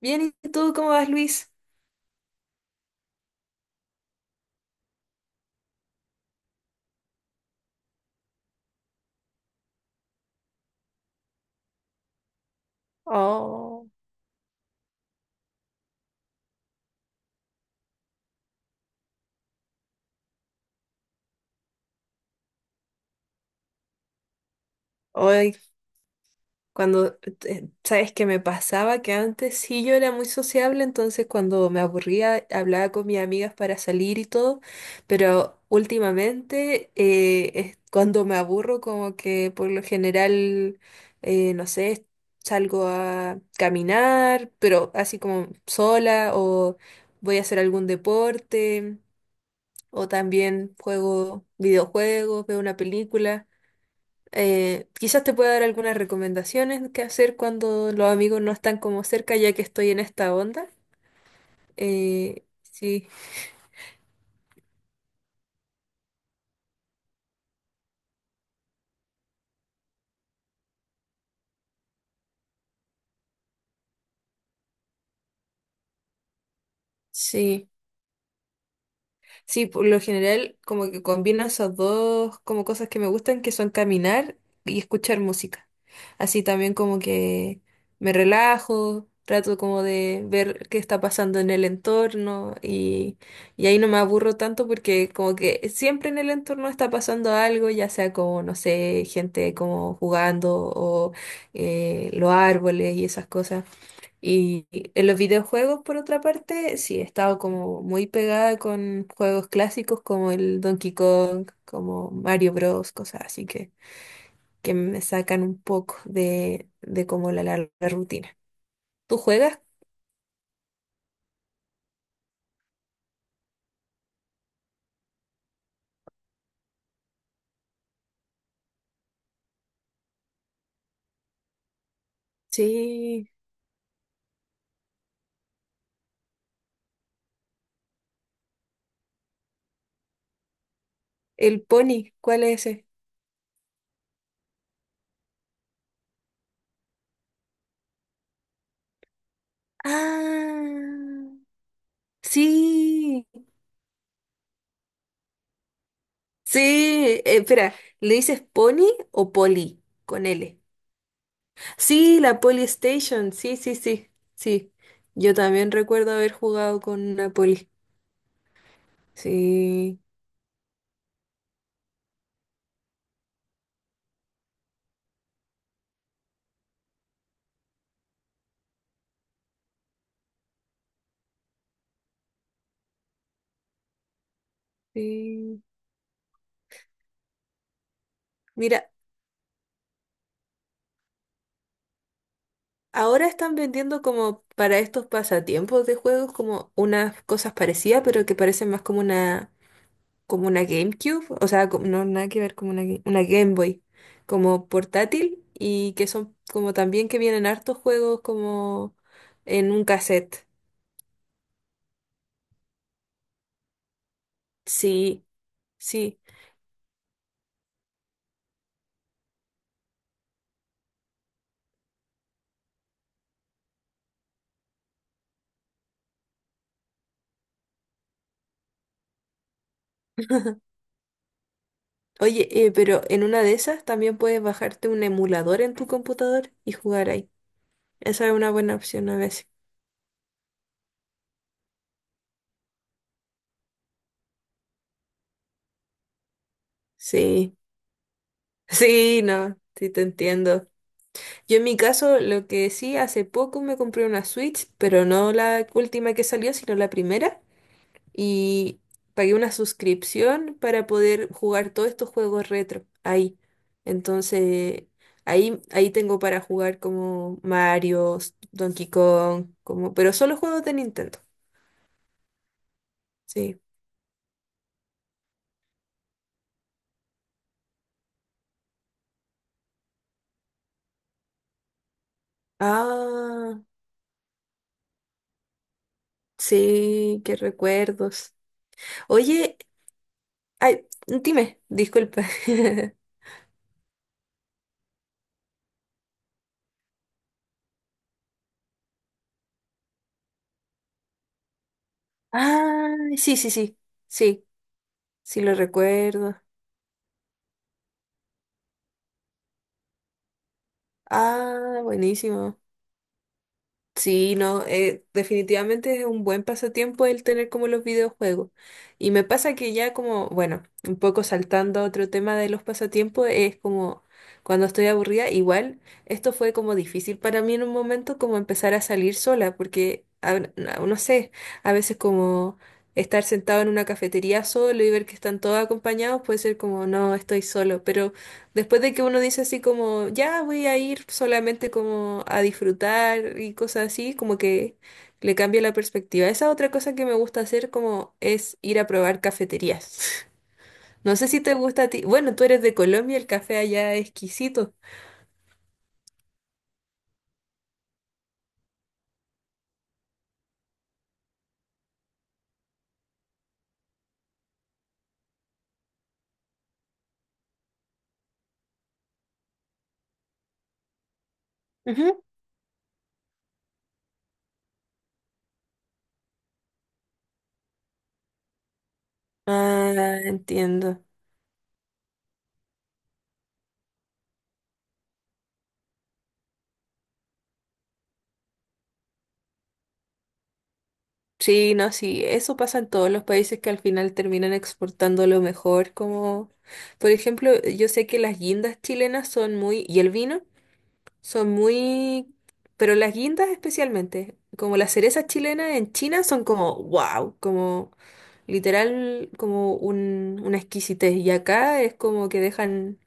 Bien, ¿y tú cómo vas, Luis? Oh, hoy, cuando, sabes que me pasaba que antes sí yo era muy sociable, entonces cuando me aburría hablaba con mis amigas para salir y todo, pero últimamente cuando me aburro como que por lo general, no sé, salgo a caminar, pero así como sola o voy a hacer algún deporte o también juego videojuegos, veo una película. Quizás te pueda dar algunas recomendaciones que hacer cuando los amigos no están como cerca, ya que estoy en esta onda. Sí, sí. Sí, por lo general como que combino esas dos como cosas que me gustan, que son caminar y escuchar música. Así también como que me relajo, trato como de ver qué está pasando en el entorno y ahí no me aburro tanto porque como que siempre en el entorno está pasando algo, ya sea como, no sé, gente como jugando o los árboles y esas cosas. Y en los videojuegos, por otra parte, sí, he estado como muy pegada con juegos clásicos como el Donkey Kong, como Mario Bros, cosas así que me sacan un poco de como la larga rutina. ¿Tú juegas? Sí, el Pony, ¿cuál es ese? Ah, sí, sí, espera, ¿le dices Pony o Poli con L? Sí, la Polystation, sí, sí, sí, sí. Yo también recuerdo haber jugado con una Poli. Sí, sí. Mira, ahora están vendiendo como para estos pasatiempos de juegos como unas cosas parecidas, pero que parecen más como una GameCube, o sea, no nada que ver como una, una Game Boy, como portátil y que son como también que vienen hartos juegos como en un cassette. Sí, sí. Oye, pero en una de esas también puedes bajarte un emulador en tu computador y jugar ahí. Esa es una buena opción a veces. Sí, sí, no, sí te entiendo. Yo en mi caso, lo que sí, hace poco me compré una Switch, pero no la última que salió, sino la primera. Y pagué una suscripción para poder jugar todos estos juegos retro ahí. Entonces, ahí, ahí tengo para jugar como Mario, Donkey Kong, como, pero solo juegos de Nintendo. Sí. Ah, sí, qué recuerdos. Oye, ay, dime, disculpa. Ah, sí, sí, sí, sí, sí lo recuerdo. Ah, buenísimo. Sí, no, definitivamente es un buen pasatiempo el tener como los videojuegos. Y me pasa que ya como, bueno, un poco saltando a otro tema de los pasatiempos, es como cuando estoy aburrida, igual esto fue como difícil para mí en un momento como empezar a salir sola, porque no sé, a veces como estar sentado en una cafetería solo y ver que están todos acompañados puede ser como, no, estoy solo, pero… Después de que uno dice así como, ya voy a ir solamente como a disfrutar y cosas así, como que le cambia la perspectiva. Esa otra cosa que me gusta hacer como es ir a probar cafeterías. No sé si te gusta a ti. Bueno, tú eres de Colombia, el café allá es exquisito. Ujú. Ah, entiendo. Sí, no, sí, eso pasa en todos los países que al final terminan exportando lo mejor, como por ejemplo, yo sé que las guindas chilenas son muy, y el vino son muy… Pero las guindas especialmente, como las cerezas chilenas en China, son como wow, como literal, como un, una exquisitez. Y acá es como que dejan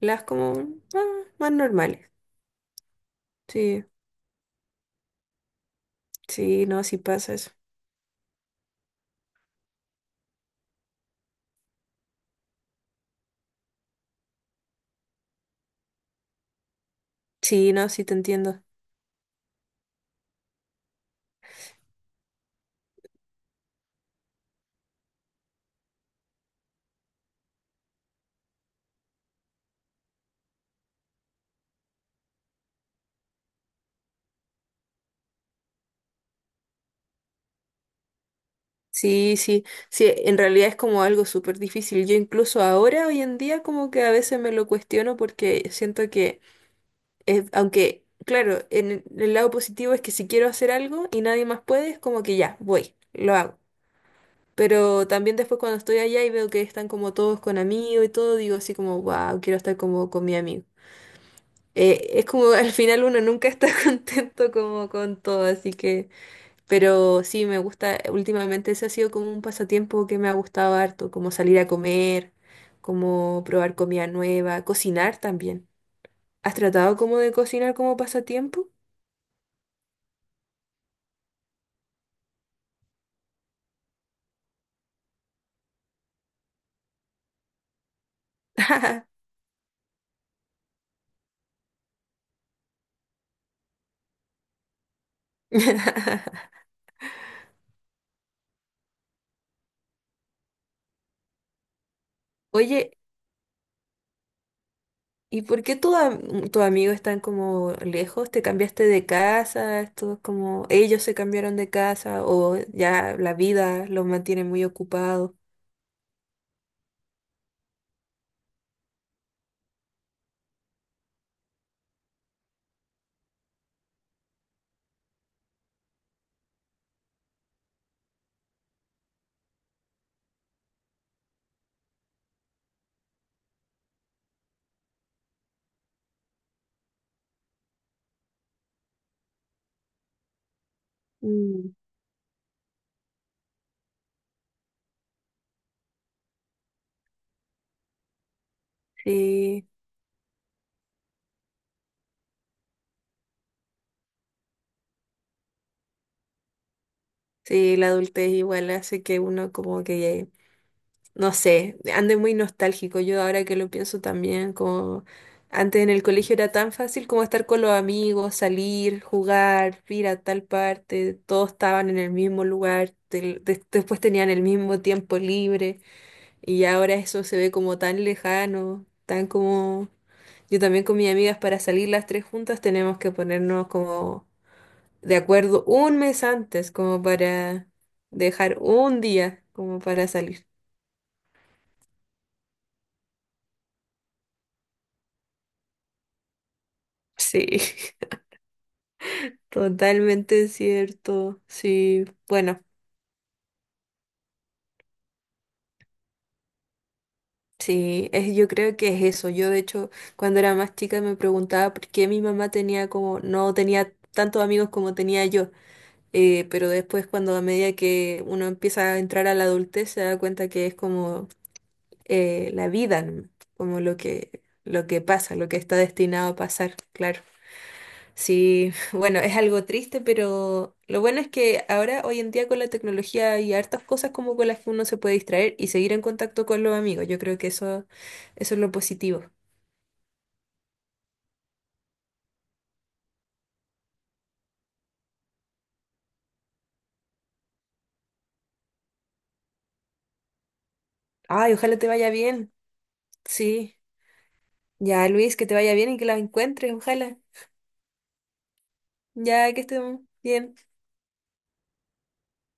las como ah, más normales. Sí, sí, no, sí pasa eso. Sí, no, sí te entiendo. Sí, sí, sí, en realidad es como algo súper difícil. Yo incluso ahora, hoy en día, como que a veces me lo cuestiono porque siento que es- aunque, claro, en el lado positivo es que si quiero hacer algo y nadie más puede, es como que ya, voy, lo hago. Pero también después cuando estoy allá y veo que están como todos con amigos y todo, digo así como, wow, quiero estar como con mi amigo. Es como al final uno nunca está contento como con todo, así que, pero sí, me gusta, últimamente ese ha sido como un pasatiempo que me ha gustado harto, como salir a comer, como probar comida nueva, cocinar también. ¿Has tratado como de cocinar como pasatiempo? Oye, ¿y por qué tus amigos están como lejos? ¿Te cambiaste de casa? ¿Estos como ellos se cambiaron de casa o ya la vida los mantiene muy ocupados? Mm. Sí, sí, la adultez igual hace que uno como que no sé, ande muy nostálgico. Yo ahora que lo pienso también, como antes en el colegio era tan fácil como estar con los amigos, salir, jugar, ir a tal parte, todos estaban en el mismo lugar, después tenían el mismo tiempo libre y ahora eso se ve como tan lejano, tan como… Yo también con mis amigas para salir las tres juntas tenemos que ponernos como de acuerdo un mes antes, como para dejar un día como para salir. Sí. Totalmente cierto, sí, bueno, sí, es, yo creo que es eso. Yo de hecho cuando era más chica me preguntaba por qué mi mamá tenía como, no tenía tantos amigos como tenía yo. Pero después cuando a medida que uno empieza a entrar a la adultez se da cuenta que es como la vida, ¿no? Como lo que pasa, lo que está destinado a pasar, claro. Sí, bueno, es algo triste, pero lo bueno es que ahora, hoy en día, con la tecnología hay hartas cosas como con las que uno se puede distraer y seguir en contacto con los amigos. Yo creo que eso es lo positivo. Ay, ojalá te vaya bien. Sí. Ya, Luis, que te vaya bien y que la encuentres, ojalá. Ya que estemos bien.